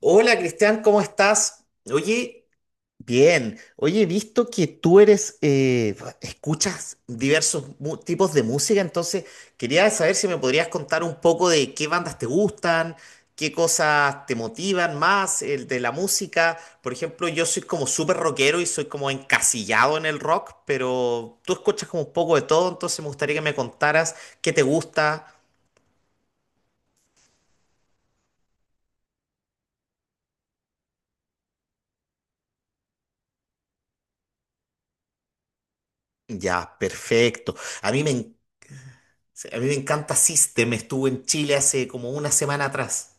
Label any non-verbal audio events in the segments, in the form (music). Hola Cristian, ¿cómo estás? Oye, bien. Oye, he visto que tú eres, escuchas tipos de música, entonces quería saber si me podrías contar un poco de qué bandas te gustan, qué cosas te motivan más, el de la música. Por ejemplo, yo soy como súper rockero y soy como encasillado en el rock, pero tú escuchas como un poco de todo, entonces me gustaría que me contaras qué te gusta. Ya, perfecto. A mí me Sí, a mí me encanta System, estuvo en Chile hace como una semana atrás.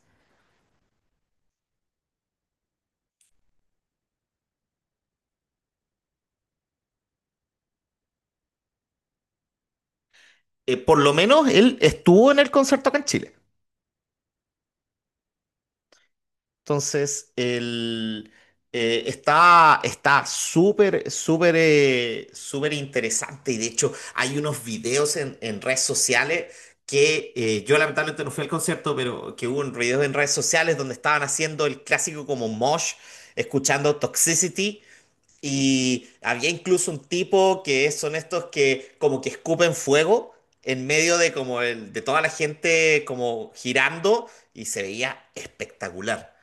Por lo menos él estuvo en el concierto acá en Chile. Entonces, él está súper, súper, súper interesante. Y de hecho, hay unos videos en redes sociales que yo lamentablemente no fui al concierto, pero que hubo un video en redes sociales donde estaban haciendo el clásico como mosh, escuchando Toxicity. Y había incluso un tipo que son estos que como que escupen fuego en medio de de toda la gente como girando y se veía espectacular.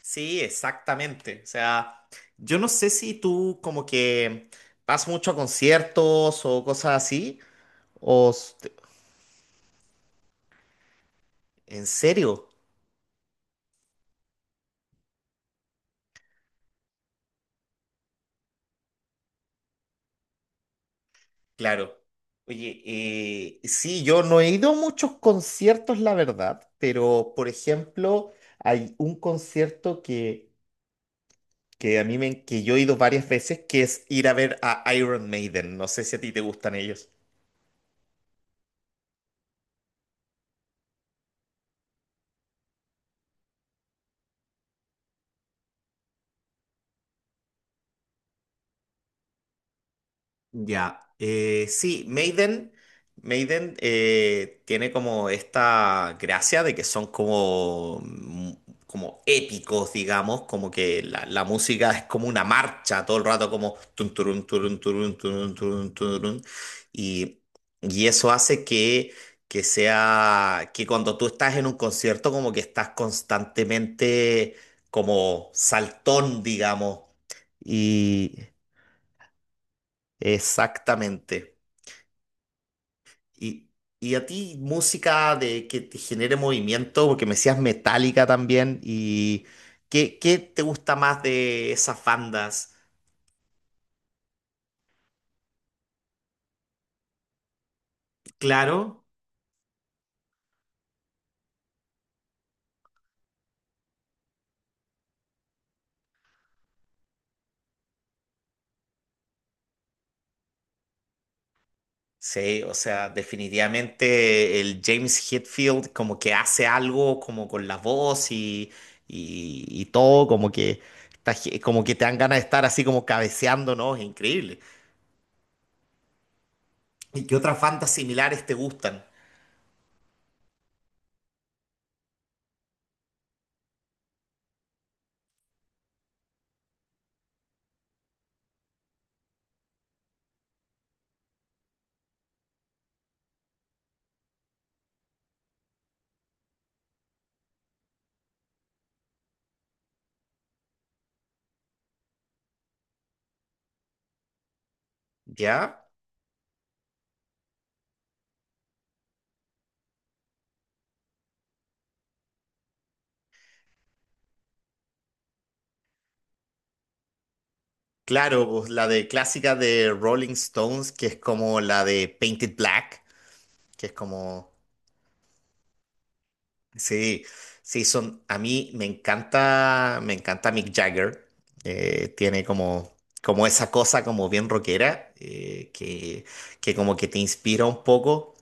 Sí, exactamente. O sea, yo no sé si tú como que vas mucho a conciertos o cosas así o s- en serio. Claro. Oye, sí, yo no he ido a muchos conciertos, la verdad, pero por ejemplo, hay un concierto que a mí me, que yo he ido varias veces, que es ir a ver a Iron Maiden. No sé si a ti te gustan ellos. Ya, sí, Maiden tiene como esta gracia de que son como, como épicos, digamos, como que la música es como una marcha todo el rato, como tun, turun, turun, turun, turun, turun, turun, y, y eso hace que sea, que cuando tú estás en un concierto como que estás constantemente como saltón, digamos, y exactamente. Y, y a ti, música de que te genere movimiento, porque me decías metálica también, y ¿qué, qué te gusta más de esas bandas? Claro, sí, o sea, definitivamente el James Hetfield como que hace algo como con la voz y todo, como que, como que te dan ganas de estar así como cabeceando, ¿no? Es increíble. ¿Y qué otras bandas similares te gustan? ¿Ya? Claro, pues la de clásica de Rolling Stones, que es como la de Painted Black, que es como, sí, sí, son, a mí me encanta Mick Jagger, tiene como, como esa cosa como bien rockera, que como que te inspira un poco.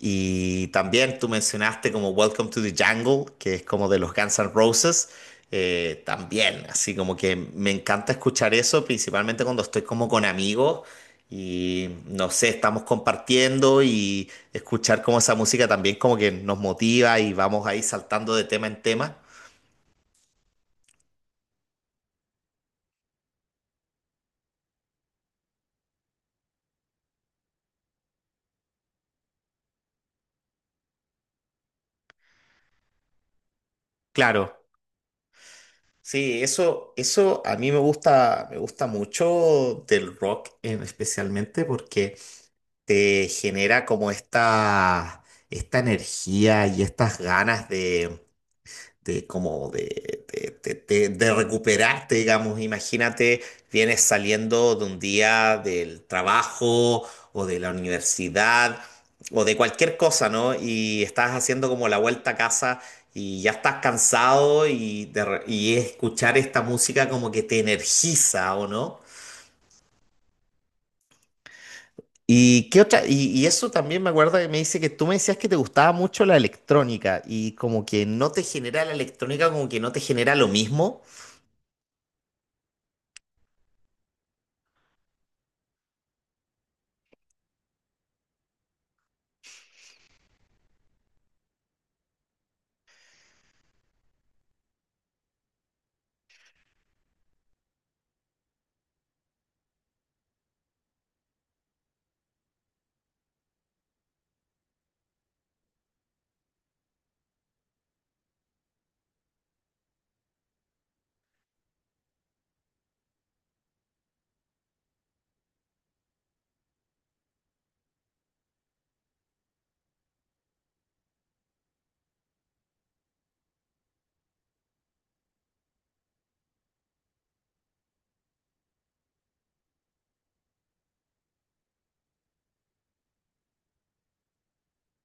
Y también tú mencionaste como Welcome to the Jungle, que es como de los Guns N' Roses. También, así como que me encanta escuchar eso, principalmente cuando estoy como con amigos y no sé, estamos compartiendo y escuchar como esa música también como que nos motiva y vamos ahí saltando de tema en tema. Claro, sí, eso a mí me gusta mucho del rock, especialmente porque te genera como esta energía y estas ganas de como de recuperarte, digamos. Imagínate, vienes saliendo de un día del trabajo o de la universidad o de cualquier cosa, ¿no? Y estás haciendo como la vuelta a casa. Y ya estás cansado y escuchar esta música como que te energiza, ¿o no? ¿Y qué otra? Y eso también me acuerdo que me dice que tú me decías que te gustaba mucho la electrónica y como que no te genera la electrónica, como que no te genera lo mismo.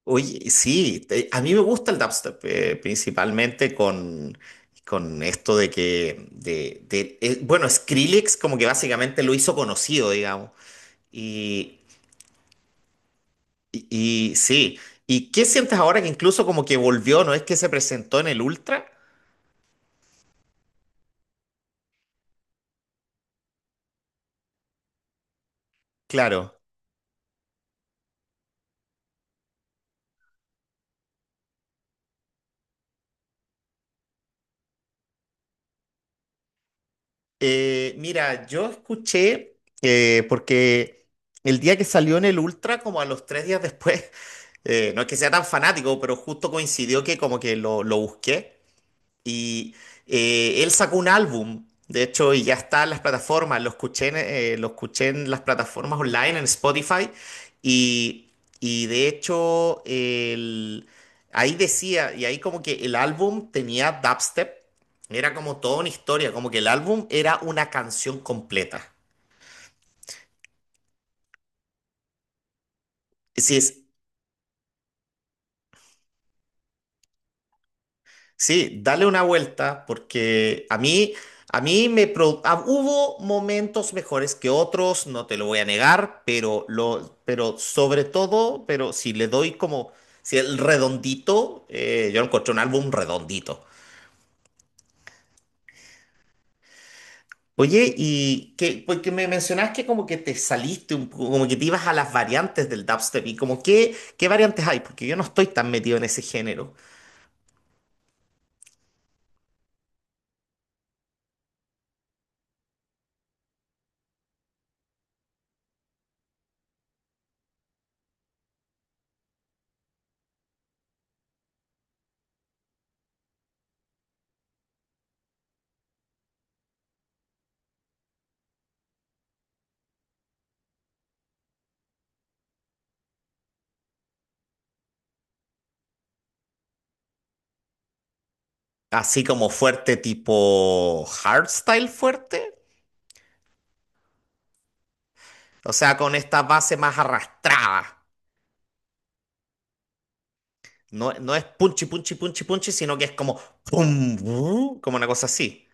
Oye, sí, a mí me gusta el dubstep, principalmente con esto de que, bueno, Skrillex como que básicamente lo hizo conocido, digamos. Y, y, y sí, ¿y qué sientes ahora que incluso como que volvió, no es que se presentó en el Ultra? Claro. Mira, yo escuché, porque el día que salió en el Ultra, como a los tres días después, (laughs) no es que sea tan fanático, pero justo coincidió que como que lo busqué. Y él sacó un álbum, de hecho, y ya está en las plataformas. Lo escuché lo escuché en las plataformas online, en Spotify. Y, y de hecho, ahí decía, y ahí como que el álbum tenía dubstep. Era como toda una historia, como que el álbum era una canción completa. Sí, es sí, dale una vuelta porque a mí, hubo momentos mejores que otros, no te lo voy a negar, pero lo, pero sobre todo, pero si le doy como, si el redondito, yo encontré un álbum redondito. Oye, y que, porque me mencionás que como que te saliste un poco, como que te ibas a las variantes del dubstep y como qué, qué variantes hay, porque yo no estoy tan metido en ese género. Así como fuerte tipo hardstyle fuerte. O sea, con esta base más arrastrada. No, no es punchi, punchi, punchi, punchi, sino que es como pum, bu, como una cosa así.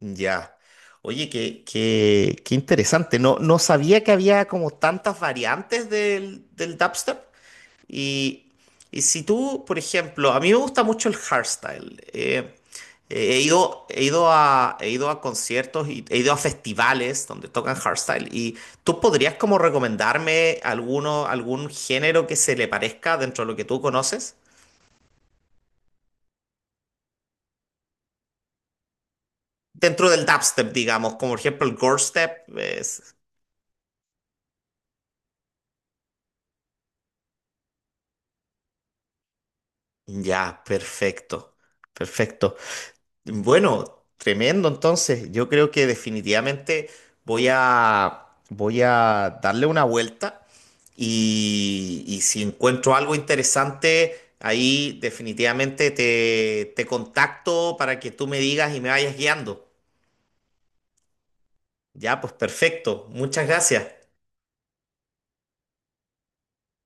Ya. Oye, qué, qué, qué interesante. No, no sabía que había como tantas variantes del dubstep. Y, y si tú, por ejemplo, a mí me gusta mucho el hardstyle. He ido, he ido a conciertos y he ido a festivales donde tocan hardstyle. ¿Y tú podrías como recomendarme alguno, algún género que se le parezca dentro de lo que tú conoces? Dentro del dubstep, digamos, como por ejemplo el gore step. Es, ya, perfecto. Perfecto. Bueno, tremendo. Entonces, yo creo que definitivamente voy a darle una vuelta y si encuentro algo interesante, ahí definitivamente te contacto para que tú me digas y me vayas guiando. Ya, pues perfecto. Muchas gracias.